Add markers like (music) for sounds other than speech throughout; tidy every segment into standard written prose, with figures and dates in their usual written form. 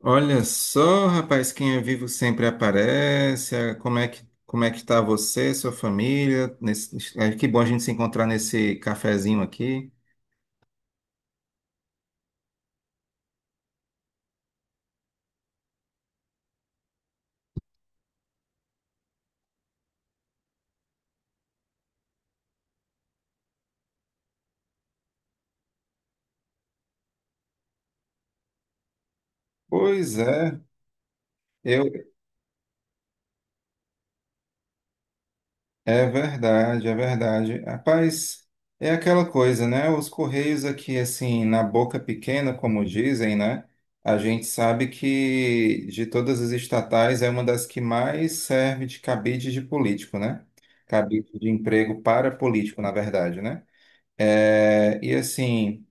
Olha só, rapaz, quem é vivo sempre aparece. Como é que tá você, sua família? Que bom a gente se encontrar nesse cafezinho aqui. Pois é, eu, é verdade, é verdade. Rapaz, é aquela coisa, né? Os Correios aqui, assim, na boca pequena, como dizem, né? A gente sabe que de todas as estatais é uma das que mais serve de cabide de político, né? Cabide de emprego para político, na verdade, né? É, e assim,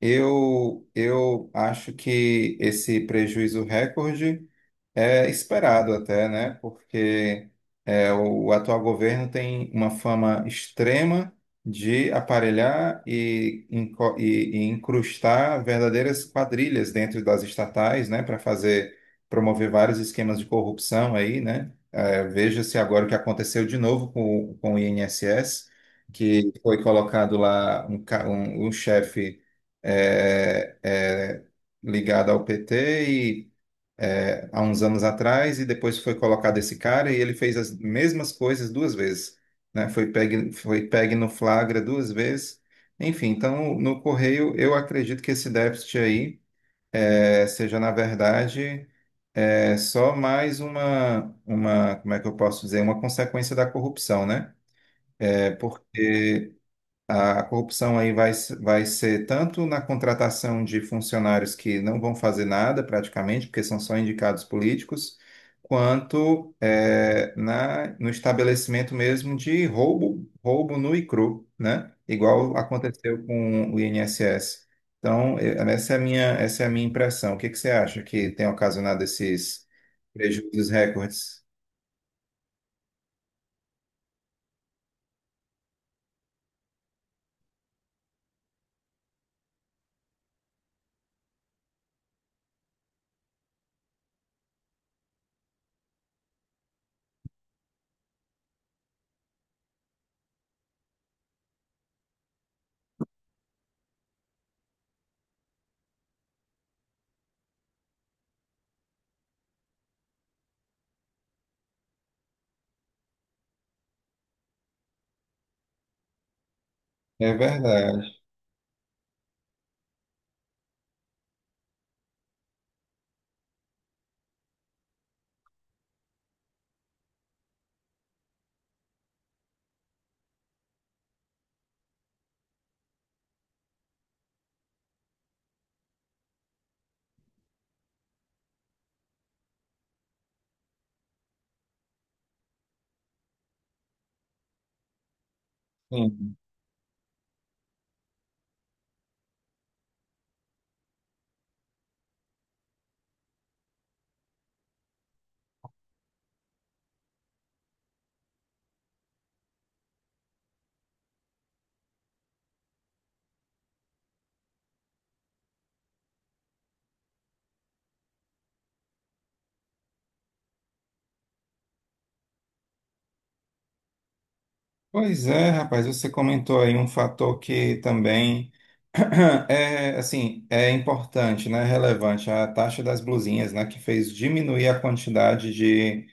eu acho que esse prejuízo recorde. É esperado até, né? Porque é, o atual governo tem uma fama extrema de aparelhar e incrustar verdadeiras quadrilhas dentro das estatais, né? Para fazer promover vários esquemas de corrupção aí, né? É, veja-se agora o que aconteceu de novo com o INSS, que foi colocado lá um chefe é, é, ligado ao PT, é, há uns anos atrás, e depois foi colocado esse cara e ele fez as mesmas coisas duas vezes, né? Foi pegue no flagra duas vezes. Enfim, então no Correio eu acredito que esse déficit aí, é, seja na verdade, é, só mais como é que eu posso dizer, uma consequência da corrupção, né? É porque a corrupção aí vai, se- vai ser tanto na contratação de funcionários que não vão fazer nada praticamente, porque são só indicados políticos, quanto no estabelecimento mesmo de roubo, roubo nu e cru, né? Igual aconteceu com o INSS. Então, essa é a minha, essa é a minha impressão. O que que você acha que tem ocasionado esses prejuízos recordes? É verdade. Sim. Pois é, rapaz, você comentou aí um fator que também. (clears throat) É, assim, é importante, né? Relevante a taxa das blusinhas, né? Que fez diminuir a quantidade de,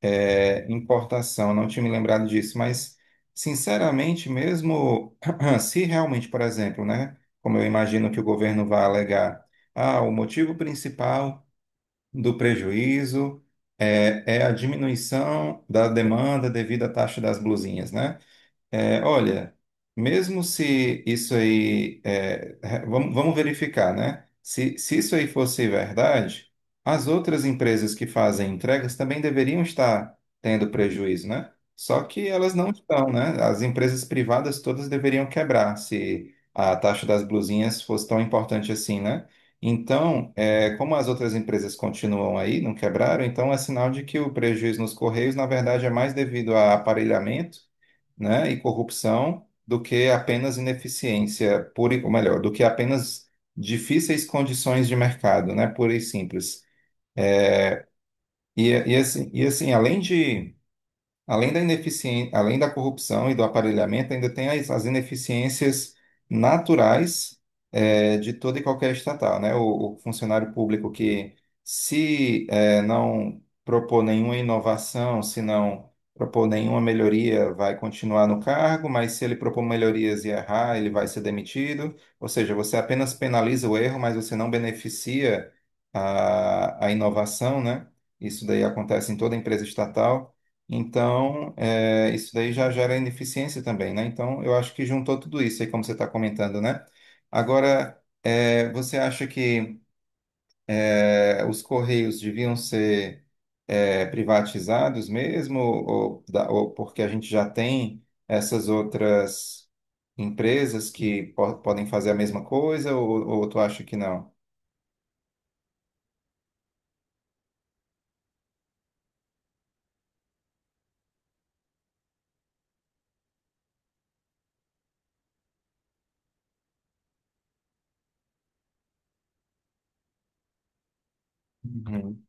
é, importação. Não tinha me lembrado disso, mas sinceramente, mesmo (clears throat) se realmente, por exemplo, né? Como eu imagino que o governo vai alegar, ah, o motivo principal do prejuízo é, é a diminuição da demanda devido à taxa das blusinhas, né? É, olha, mesmo se isso aí, é, vamos verificar, né? Se isso aí fosse verdade, as outras empresas que fazem entregas também deveriam estar tendo prejuízo, né? Só que elas não estão, né? As empresas privadas todas deveriam quebrar se a taxa das blusinhas fosse tão importante assim, né? Então, é, como as outras empresas continuam aí, não quebraram, então é sinal de que o prejuízo nos Correios, na verdade, é mais devido a aparelhamento, né, e corrupção do que apenas ineficiência pura, ou melhor, do que apenas difíceis condições de mercado, né, pura e simples. E assim, além de Além da ineficiên- além da corrupção e do aparelhamento, ainda tem as ineficiências naturais, eh, de toda e qualquer estatal, né? O funcionário público que, se, eh, não propor nenhuma inovação, se não propor nenhuma melhoria, vai continuar no cargo, mas se ele propor melhorias e errar, ele vai ser demitido. Ou seja, você apenas penaliza o erro, mas você não beneficia a inovação, né? Isso daí acontece em toda empresa estatal. Então, é, isso daí já gera ineficiência também, né? Então, eu acho que juntou tudo isso aí, como você está comentando, né? Agora, é, você acha que, é, os Correios deviam ser, é, privatizados mesmo, ou, ou porque a gente já tem essas outras empresas que podem fazer a mesma coisa, ou tu acha que não? Uhum.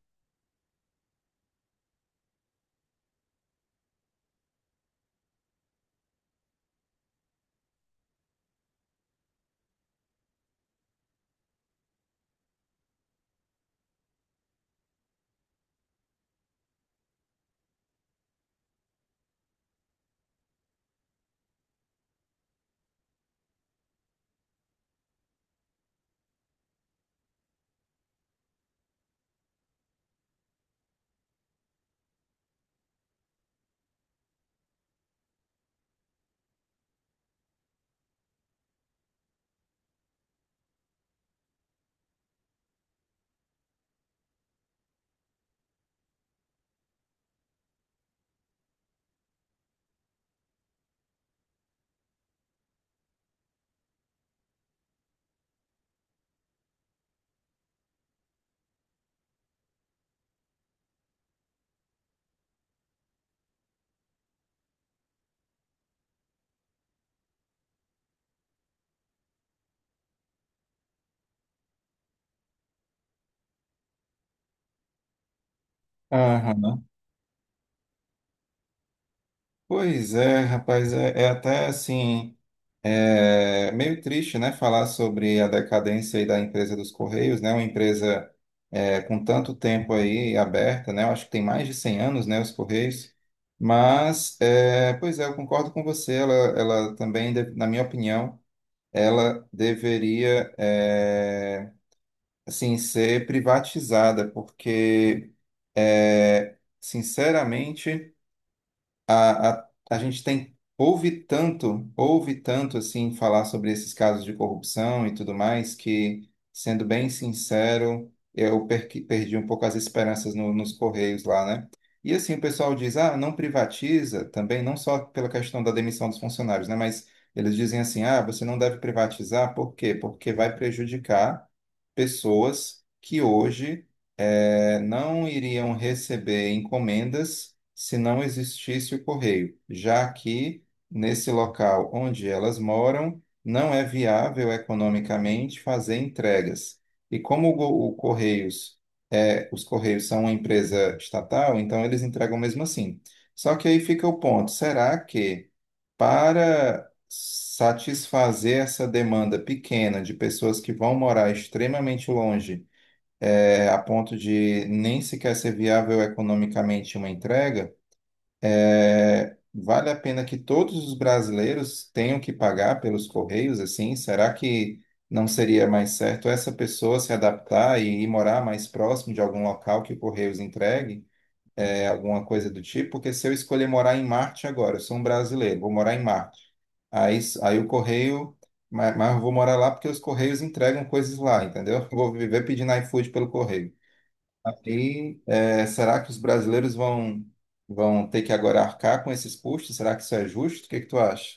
Aham. Pois é, rapaz, é, é até assim, é meio triste, né, falar sobre a decadência aí da empresa dos Correios, né, uma empresa, é, com tanto tempo aí aberta, né, eu acho que tem mais de 100 anos, né, os Correios, mas, é, pois é, eu concordo com você, ela também, na minha opinião, ela deveria, é, assim, ser privatizada, porque, é, sinceramente a gente tem ouve tanto assim falar sobre esses casos de corrupção e tudo mais que, sendo bem sincero, eu perdi um pouco as esperanças nos Correios lá, né? E assim, o pessoal diz, ah, não privatiza também, não só pela questão da demissão dos funcionários, né? Mas eles dizem assim, ah, você não deve privatizar, por quê? Porque vai prejudicar pessoas que hoje, eh, não iriam receber encomendas se não existisse o correio, já que nesse local onde elas moram não é viável economicamente fazer entregas. E como o Correios, é, os Correios são uma empresa estatal, então eles entregam mesmo assim. Só que aí fica o ponto, será que para satisfazer essa demanda pequena de pessoas que vão morar extremamente longe, é, a ponto de nem sequer ser viável economicamente uma entrega, é, vale a pena que todos os brasileiros tenham que pagar pelos correios, assim? Será que não seria mais certo essa pessoa se adaptar e ir morar mais próximo de algum local que o Correios entregue? Alguma coisa do tipo, porque se eu escolher morar em Marte agora, eu sou um brasileiro, vou morar em Marte. Aí o correio, mas eu vou morar lá porque os correios entregam coisas lá, entendeu? (laughs) Eu vou viver pedindo iFood pelo correio. Aí, é, será que os brasileiros vão, vão ter que agora arcar com esses custos? Será que isso é justo? O que que tu acha?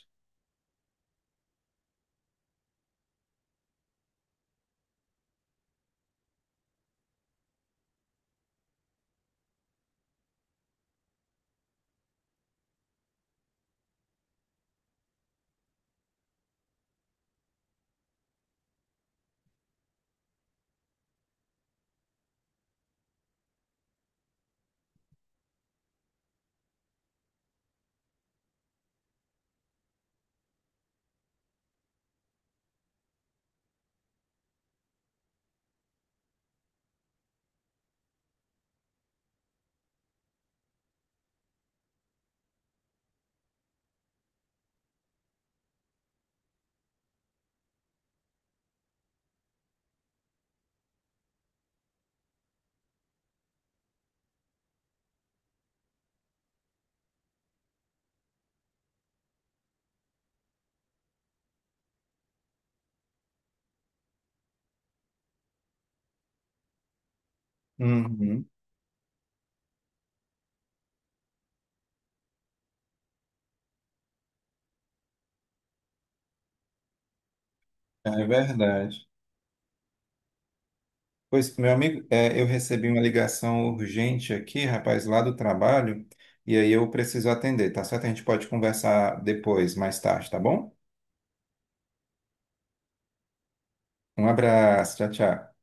Uhum, é verdade. Pois, meu amigo, é, eu recebi uma ligação urgente aqui, rapaz, lá do trabalho, e aí eu preciso atender, tá certo? A gente pode conversar depois, mais tarde, tá bom? Um abraço, tchau, tchau.